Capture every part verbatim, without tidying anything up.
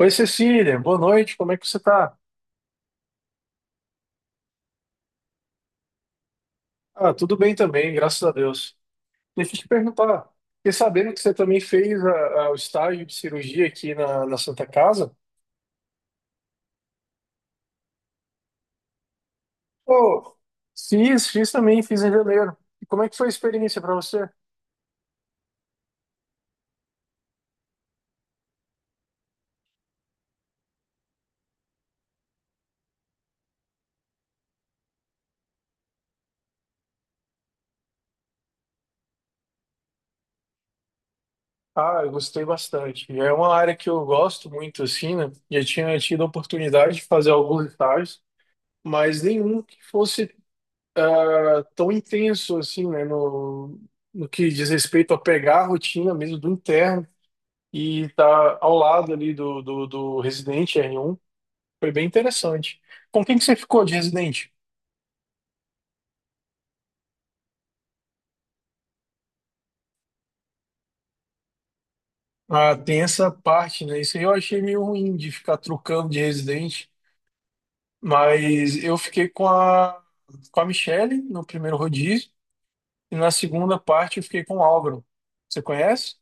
Oi, Cecília, boa noite, como é que você tá? Ah, tudo bem também, graças a Deus. Deixa eu te perguntar, fiquei sabendo que você também fez a- a- o estágio de cirurgia aqui na, na Santa Casa? Pô, fiz, fiz também, fiz em janeiro. E como é que foi a experiência para você? Ah, eu gostei bastante. É uma área que eu gosto muito, assim, né? Já tinha tido a oportunidade de fazer alguns estágios, mas nenhum que fosse ah, tão intenso, assim, né? No, no que diz respeito a pegar a rotina mesmo do interno e estar ao lado ali do, do, do residente R um. Foi bem interessante. Com quem que você ficou de residente? Ah, tem essa parte, né? Isso aí eu achei meio ruim de ficar trocando de residente, mas eu fiquei com a com a Michelle no primeiro rodízio e na segunda parte eu fiquei com o Álvaro. Você conhece?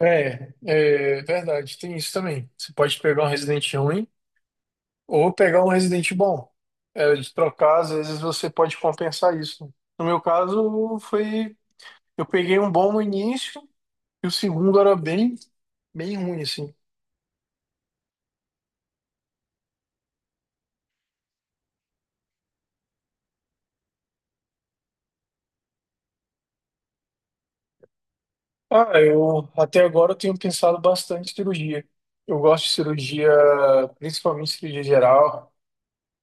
É, é verdade, tem isso também. Você pode pegar um residente ruim ou pegar um residente bom. É, de trocar, às vezes você pode compensar isso. No meu caso, foi. Eu peguei um bom no início e o segundo era bem, bem ruim, assim. Ah, eu até agora eu tenho pensado bastante em cirurgia. Eu gosto de cirurgia, principalmente cirurgia geral.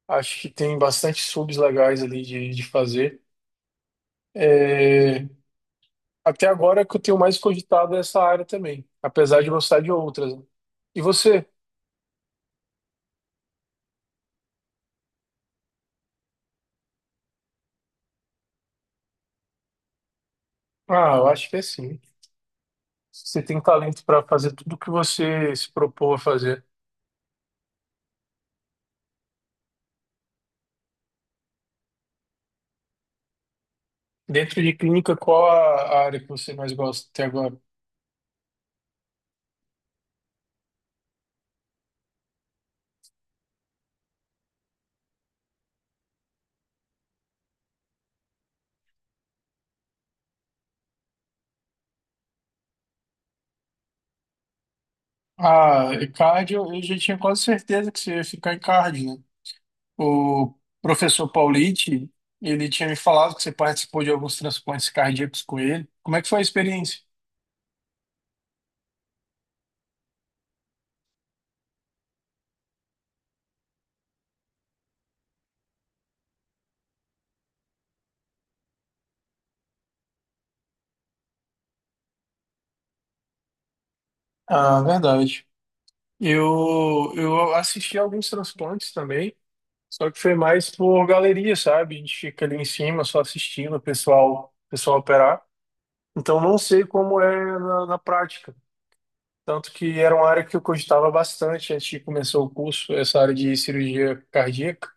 Acho que tem bastante subs legais ali de, de fazer. É, até agora é que eu tenho mais cogitado essa área também, apesar de gostar de outras, né? E você? Ah, eu acho que é sim. Você tem talento para fazer tudo o que você se propôs a fazer. Dentro de clínica, qual a a área que você mais gosta até agora? Ah, e cardio, eu já tinha quase certeza que você ia ficar em cardio, né? O professor Paulite, ele tinha me falado que você participou de alguns transplantes cardíacos com ele. Como é que foi a experiência? Ah, verdade. Eu, eu assisti alguns transplantes também, só que foi mais por galeria, sabe? A gente fica ali em cima só assistindo o pessoal, o pessoal operar. Então não sei como é na, na prática. Tanto que era uma área que eu cogitava bastante antes de começar o curso, essa área de cirurgia cardíaca.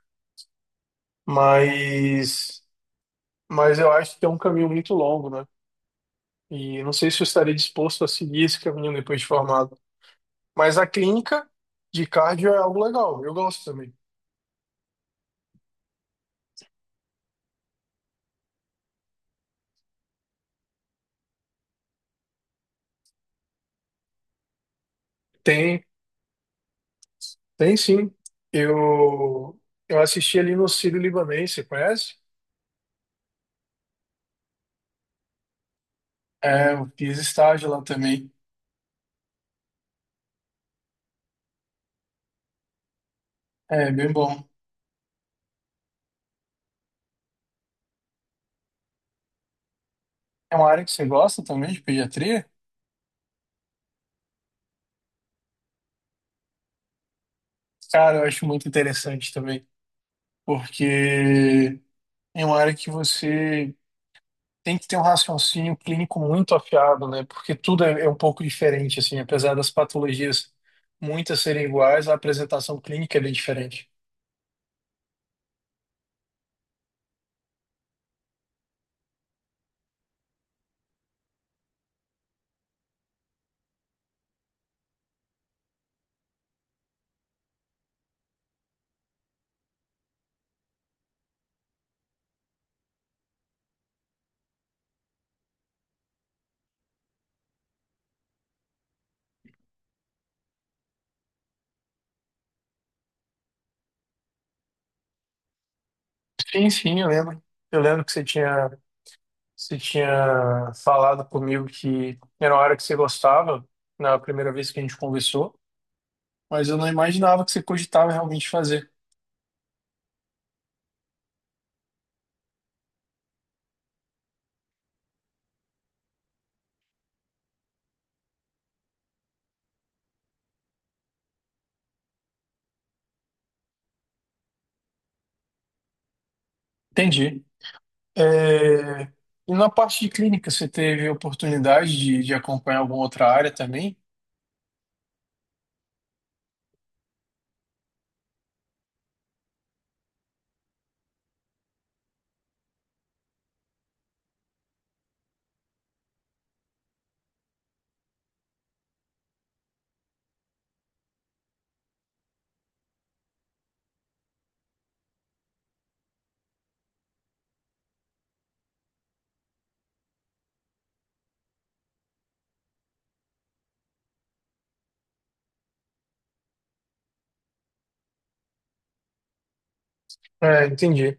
Mas, mas eu acho que é um caminho muito longo, né? E não sei se eu estaria disposto a seguir esse caminho depois de formado. Mas a clínica de cardio é algo legal, eu gosto também. Tem, tem sim. Eu, eu assisti ali no Sírio-Libanês, você conhece? É, eu fiz estágio lá também. É bem bom. É uma área que você gosta também de pediatria? Cara, eu acho muito interessante também, porque é uma área que você tem que ter um raciocínio clínico muito afiado, né? Porque tudo é, é um pouco diferente, assim, apesar das patologias muitas serem iguais, a apresentação clínica é bem diferente. Sim, sim, eu lembro. Eu lembro que você tinha, você tinha falado comigo que era uma área que você gostava na primeira vez que a gente conversou, mas eu não imaginava que você cogitava realmente fazer. Entendi. É, e na parte de clínica, você teve oportunidade de, de acompanhar alguma outra área também? É, entendi.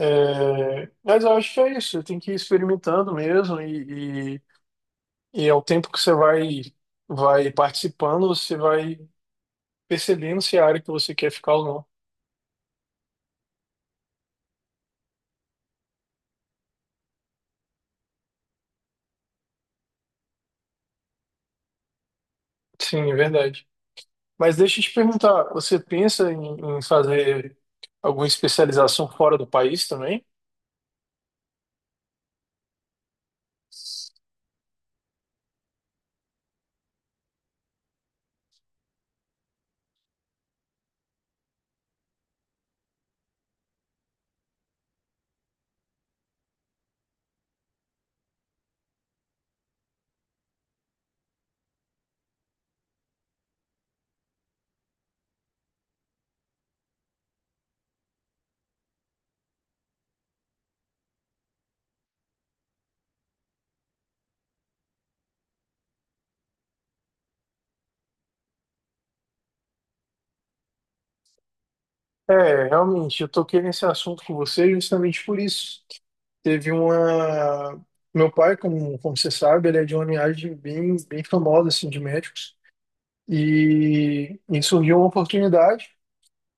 É, mas eu acho que é isso, tem que ir experimentando mesmo e, e, e ao tempo que você vai, vai participando, você vai percebendo se é a área que você quer ficar ou não. Sim, é verdade. Mas deixa eu te perguntar, você pensa em, em fazer alguma especialização fora do país também? É, realmente, eu toquei nesse assunto com você justamente por isso. Teve uma. Meu pai, como, como você sabe, ele é de uma linhagem bem, bem famosa assim, de médicos. E, e surgiu uma oportunidade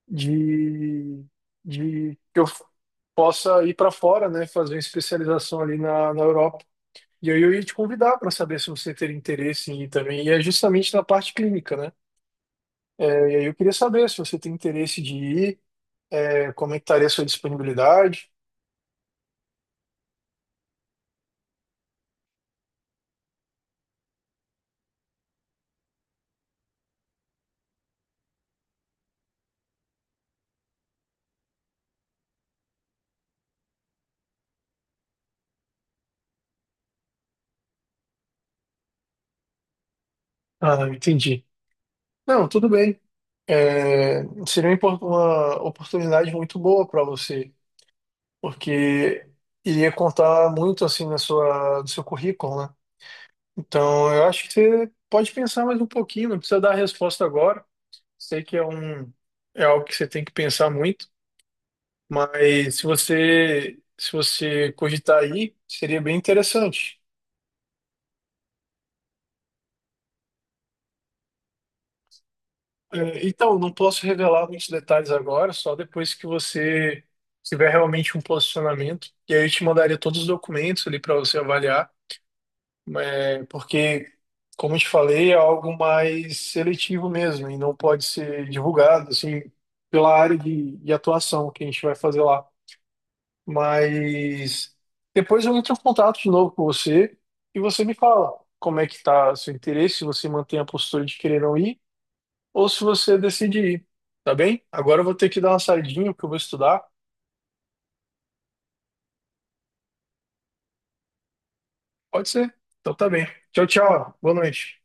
de, de que eu possa ir para fora, né, fazer uma especialização ali na, na Europa. E aí eu ia te convidar para saber se você teria interesse em ir também, e é justamente na parte clínica, né? É, e aí eu queria saber se você tem interesse de ir, é, como é que estaria a sua disponibilidade. Ah, entendi. Não, tudo bem. É, seria uma impor- uma oportunidade muito boa para você, porque iria contar muito assim na sua, do seu currículo, né? Então eu acho que você pode pensar mais um pouquinho, não precisa dar a resposta agora. Sei que é um, é algo que você tem que pensar muito. Mas se você se você cogitar aí, seria bem interessante. É, então, não posso revelar muitos detalhes agora, só depois que você tiver realmente um posicionamento. E aí eu te mandaria todos os documentos ali para você avaliar, é, porque, como eu te falei, é algo mais seletivo mesmo e não pode ser divulgado assim pela área de, de atuação que a gente vai fazer lá. Mas depois eu entro em contato de novo com você e você me fala como é que tá seu interesse, se você mantém a postura de querer não ir ou se você decide ir, tá bem? Agora eu vou ter que dar uma saidinha porque eu vou estudar. Pode ser. Então tá bem. Tchau, tchau. Boa noite.